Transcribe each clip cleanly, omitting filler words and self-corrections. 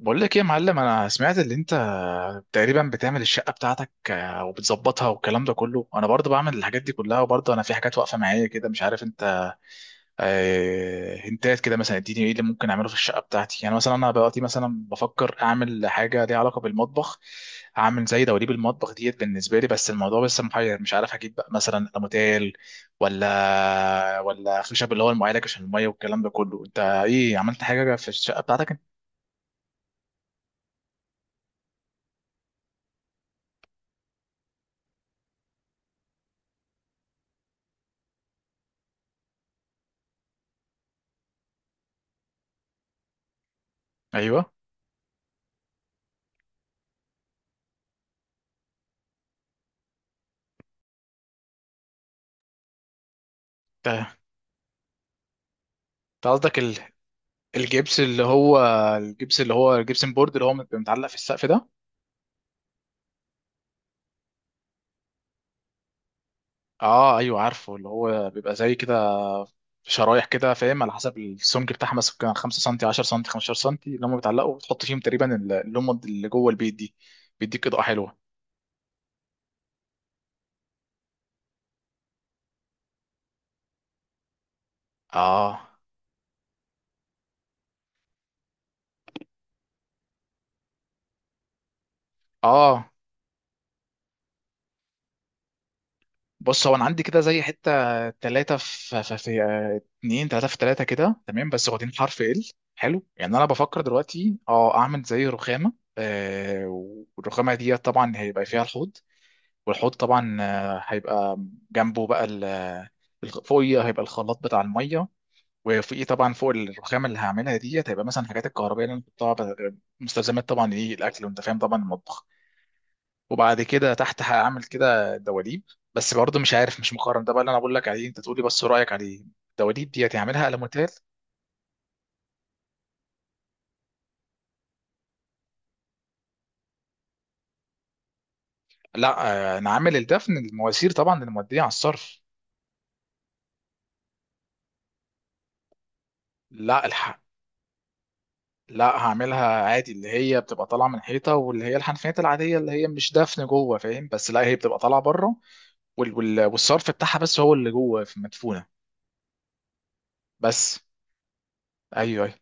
بقول لك ايه يا معلم، انا سمعت اللي انت تقريبا بتعمل الشقه بتاعتك وبتظبطها والكلام ده كله. انا برضه بعمل الحاجات دي كلها، وبرضه انا في حاجات واقفه معايا كده مش عارف انت. هنتات كده مثلا اديني ايه اللي ممكن اعمله في الشقه بتاعتي، يعني مثلا انا دلوقتي مثلا بفكر اعمل حاجه ليها علاقه بالمطبخ، اعمل زي دواليب المطبخ ديت بالنسبه لي. بس الموضوع لسه محير، مش عارف هجيب بقى مثلا الموتيل ولا خشب اللي هو المعالج عشان الميه والكلام ده كله. انت ايه عملت حاجه في الشقه بتاعتك؟ ايوه. انت قصدك الجبس اللي هو الجبس اللي هو الجبسن بورد اللي هو بيبقى متعلق في السقف ده. اه ايوه عارفه، اللي هو بيبقى زي كده شرايح كده فاهم، على حسب السمك بتاعها مثلا كان 5 سم 10 سم 15 سم اللي هم بيتعلقوا، وتحط فيهم تقريبا اللمض اللي جوه البيت دي، بيديك اضاءه حلوه. اه اه. بص هو انا عندي كده زي حته ثلاثه اتنين ثلاثه في ثلاثه كده تمام، بس واخدين حرف ال حلو. يعني انا بفكر دلوقتي اعمل زي رخامه آه والرخامه دي طبعا هيبقى فيها الحوض، والحوض طبعا هيبقى جنبه بقى فوقيه هيبقى الخلاط بتاع الميه، وفوقيه طبعا فوق الرخامه اللي هعملها ديت هيبقى مثلا حاجات الكهربائيه اللي انا بحطها، مستلزمات طبعا ايه الاكل وانت فاهم طبعا المطبخ. وبعد كده تحت هعمل كده دواليب، بس برضه مش عارف، مش مقارن ده بقى اللي انا بقول لك عليه، انت تقولي بس رايك عليه. الدواليب دي هتعملها على مونتال؟ لا. انا عامل الدفن، المواسير طبعا الموديه على الصرف. لا الحق، لا هعملها عادي اللي هي بتبقى طالعه من حيطه، واللي هي الحنفيات العاديه اللي هي مش دفن جوه فاهم، بس لا هي بتبقى طالعه بره، والصرف بتاعها بس هو اللي جوه في مدفونه بس. ايوه، أيوه.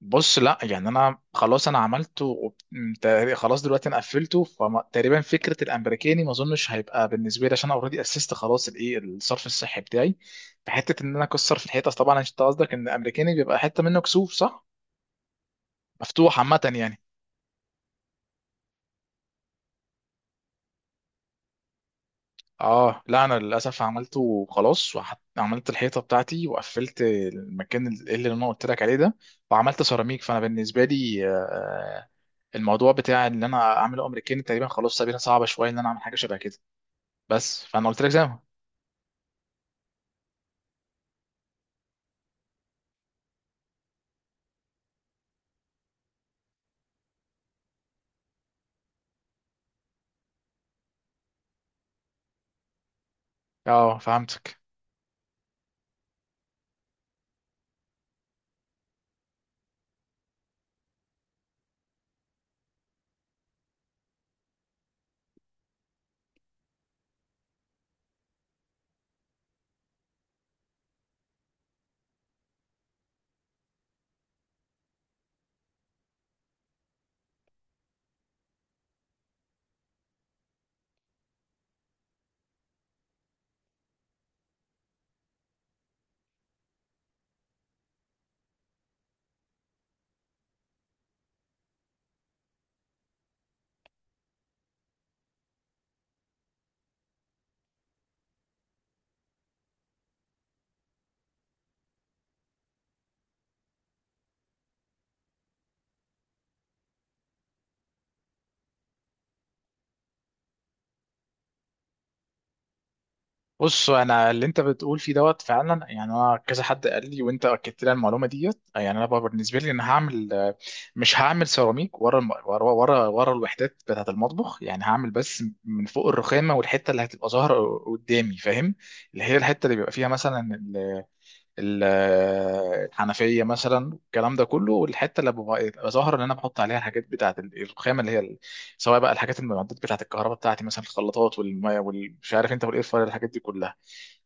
بص لا يعني انا خلاص انا عملته خلاص دلوقتي انا قفلته، فتقريبا فكره الامريكاني ما اظنش هيبقى بالنسبه لي، عشان انا اوريدي اسست خلاص الايه الصرف الصحي بتاعي. في حته ان انا اكسر في الحيطه، طبعا انت قصدك ان الامريكاني بيبقى حته منه كسوف صح؟ مفتوح عامه يعني. اه لا انا للاسف عملته وخلاص، عملت الحيطه بتاعتي وقفلت المكان اللي انا قلت لك عليه ده، وعملت سيراميك. فانا بالنسبه لي الموضوع بتاع ان انا اعمله امريكاني تقريبا خلاص سابينها، صعبه شويه ان انا اعمل حاجه شبه كده. بس فانا قلت لك زي ما. اه فهمتك. بص انا اللي انت بتقول فيه دوت فعلا، يعني انا كذا حد قال لي وانت اكدت لي المعلومه ديت، يعني انا بقى بالنسبه لي انا هعمل مش هعمل سيراميك ورا الم... ورا ورا ورا الوحدات بتاعه المطبخ، يعني هعمل بس من فوق الرخامه والحته اللي هتبقى ظاهره قدامي فاهم، اللي هي الحته اللي بيبقى فيها مثلا ال... ال... آه، الحنفيه مثلا الكلام ده كله، والحته اللي ببقى بتبقى ظاهره اللي انا بحط عليها الحاجات بتاعه الرخامه اللي هي سواء بقى الحاجات، المعدات بتاعه الكهرباء بتاعتي، مثلا الخلاطات والميه والمش عارف انت والاير فراير، الحاجات دي كلها.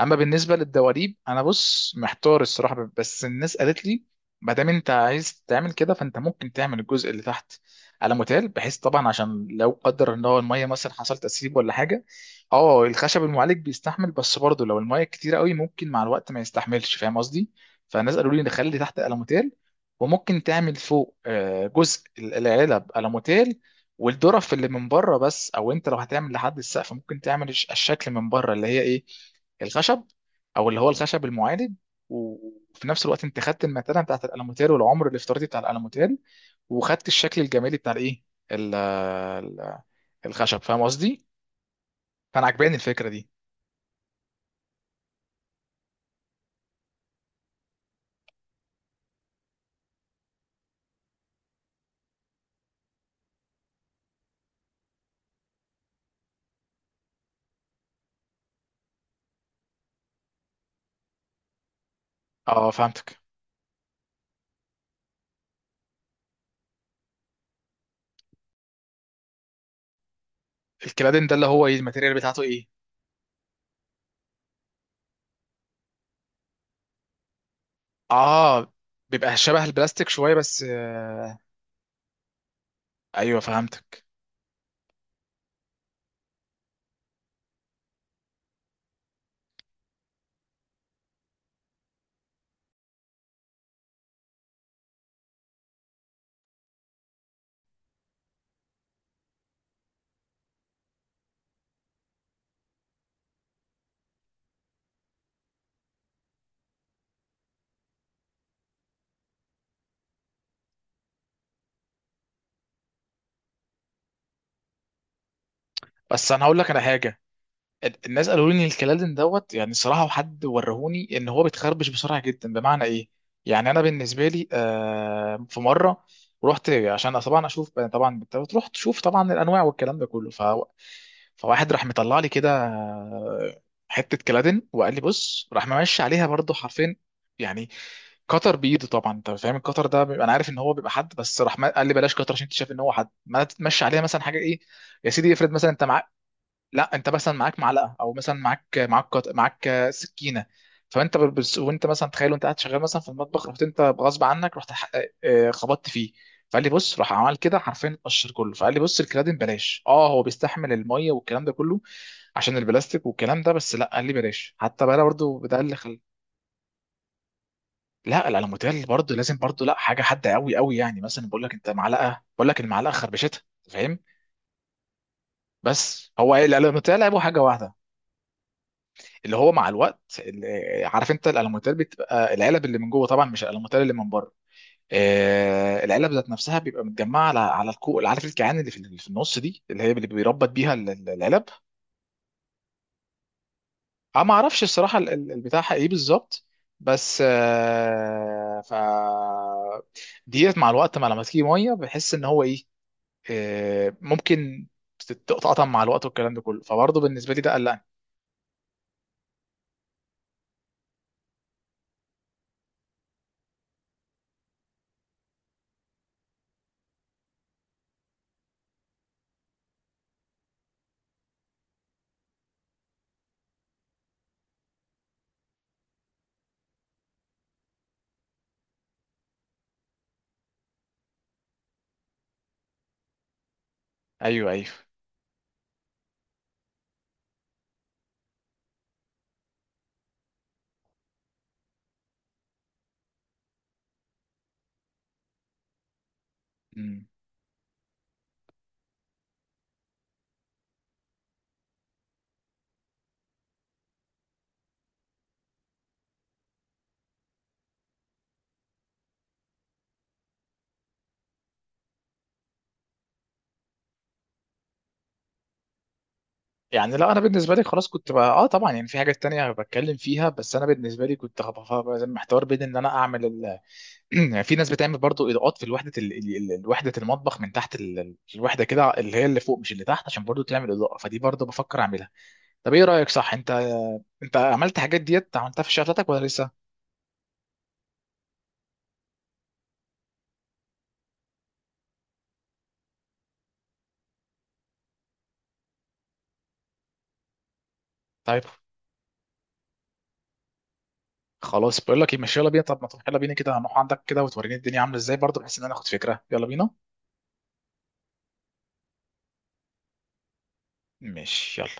اما بالنسبه للدواليب انا بص محتار الصراحه، بس الناس قالت لي ما دام انت عايز تعمل كده، فانت ممكن تعمل الجزء اللي تحت على متال، بحيث طبعا عشان لو قدر ان هو الميه مثلا حصل تسريب ولا حاجه. اه الخشب المعالج بيستحمل، بس برضه لو الميه كتيره قوي ممكن مع الوقت ما يستحملش فاهم قصدي. فالناس قالوا لي نخلي تحت الموتيل، وممكن تعمل فوق جزء العلب الموتيل والدرف اللي من بره بس، او انت لو هتعمل لحد السقف ممكن تعمل الشكل من بره اللي هي ايه، الخشب، او اللي هو الخشب المعادن، وفي نفس الوقت انت خدت المتانه بتاعت الالوميتال والعمر الافتراضي بتاع الالوميتال، وخدت الشكل الجمالي بتاع الايه ال- ال- الخشب، فاهم قصدي؟ فانا عجباني الفكره دي. اه فهمتك. الكلادين ده اللي هو ايه، الماتيريال بتاعته ايه؟ اه بيبقى شبه البلاستيك شويه بس. ايوه فهمتك. بس انا هقول لك على حاجه، الناس قالوا لي ان الكلادن دوت يعني صراحه، وحد ورهوني ان هو بيتخربش بسرعه جدا. بمعنى ايه، يعني انا بالنسبه لي في مره رحت عشان طبعا اشوف طبعا، رحت تشوف طبعا الانواع والكلام ده كله ف، فواحد راح مطلع لي كده حته كلادن، وقال لي بص، راح ممشي عليها برضو حرفين، يعني كتر بايده، طبعا انت فاهم الكتر ده بيبقى، انا عارف ان هو بيبقى حد، بس راح قال لي بلاش كتر عشان انت شايف ان هو حد. ما تمشي عليها مثلا حاجه ايه، يا سيدي افرض مثلا انت معاك، لا انت مثلا معاك معلقه، او مثلا معاك سكينه، فانت بس وانت مثلا تخيل وانت قاعد شغال مثلا في المطبخ، رحت انت غصب عنك رحت خبطت فيه، فقال لي بص راح عمل كده حرفيا اتقشر كله. فقال لي بص الكرادين بلاش، اه هو بيستحمل الميه والكلام ده كله عشان البلاستيك والكلام ده، بس لا قال لي بلاش، حتى بقى برضه ده اللي لا الالوميتال برضه لازم برضه، لا حاجه حاده قوي قوي، يعني مثلا بقول لك انت معلقه، بقول لك المعلقه خربشتها فاهم، بس هو ايه الالوميتال لعبه حاجه واحده، اللي هو مع الوقت عارف انت الالومنتال بتبقى العلب اللي من جوه طبعا، مش الالومنتال اللي من بره، العلب ذات نفسها بيبقى متجمعه على الكوع، عارف الكيعان اللي في النص دي اللي هي اللي بيربط بيها العلب. انا ما اعرفش الصراحه البتاع ايه بالظبط، بس آه ف ديت مع الوقت، مع لما تيجي ميه بحس ان هو ايه، ممكن تتقطع مع الوقت والكلام ده كله، فبرضه بالنسبه لي ده قلقني. ايوه ايوه. يعني لا انا بالنسبه لي خلاص كنت بقى طبعا يعني في حاجات تانية بتكلم فيها، بس انا بالنسبه لي كنت محتار بين ان انا اعمل يعني في ناس بتعمل برضو اضاءات في الوحده وحده المطبخ، من تحت الوحده كده اللي هي اللي فوق مش اللي تحت، عشان برضو تعمل اضاءه، فدي برضو بفكر اعملها. طب ايه رايك صح؟ انت عملت حاجات ديت عملتها في الشقه بتاعتك ولا لسه؟ طيب. خلاص بقول لك ايه، ماشي يلا بينا، طب ما تروح يلا بينا كده، هنروح عندك كده وتوريني الدنيا عامله ازاي برضو، بحيث ان انا اخد فكره، يلا بينا. ماشي يلا.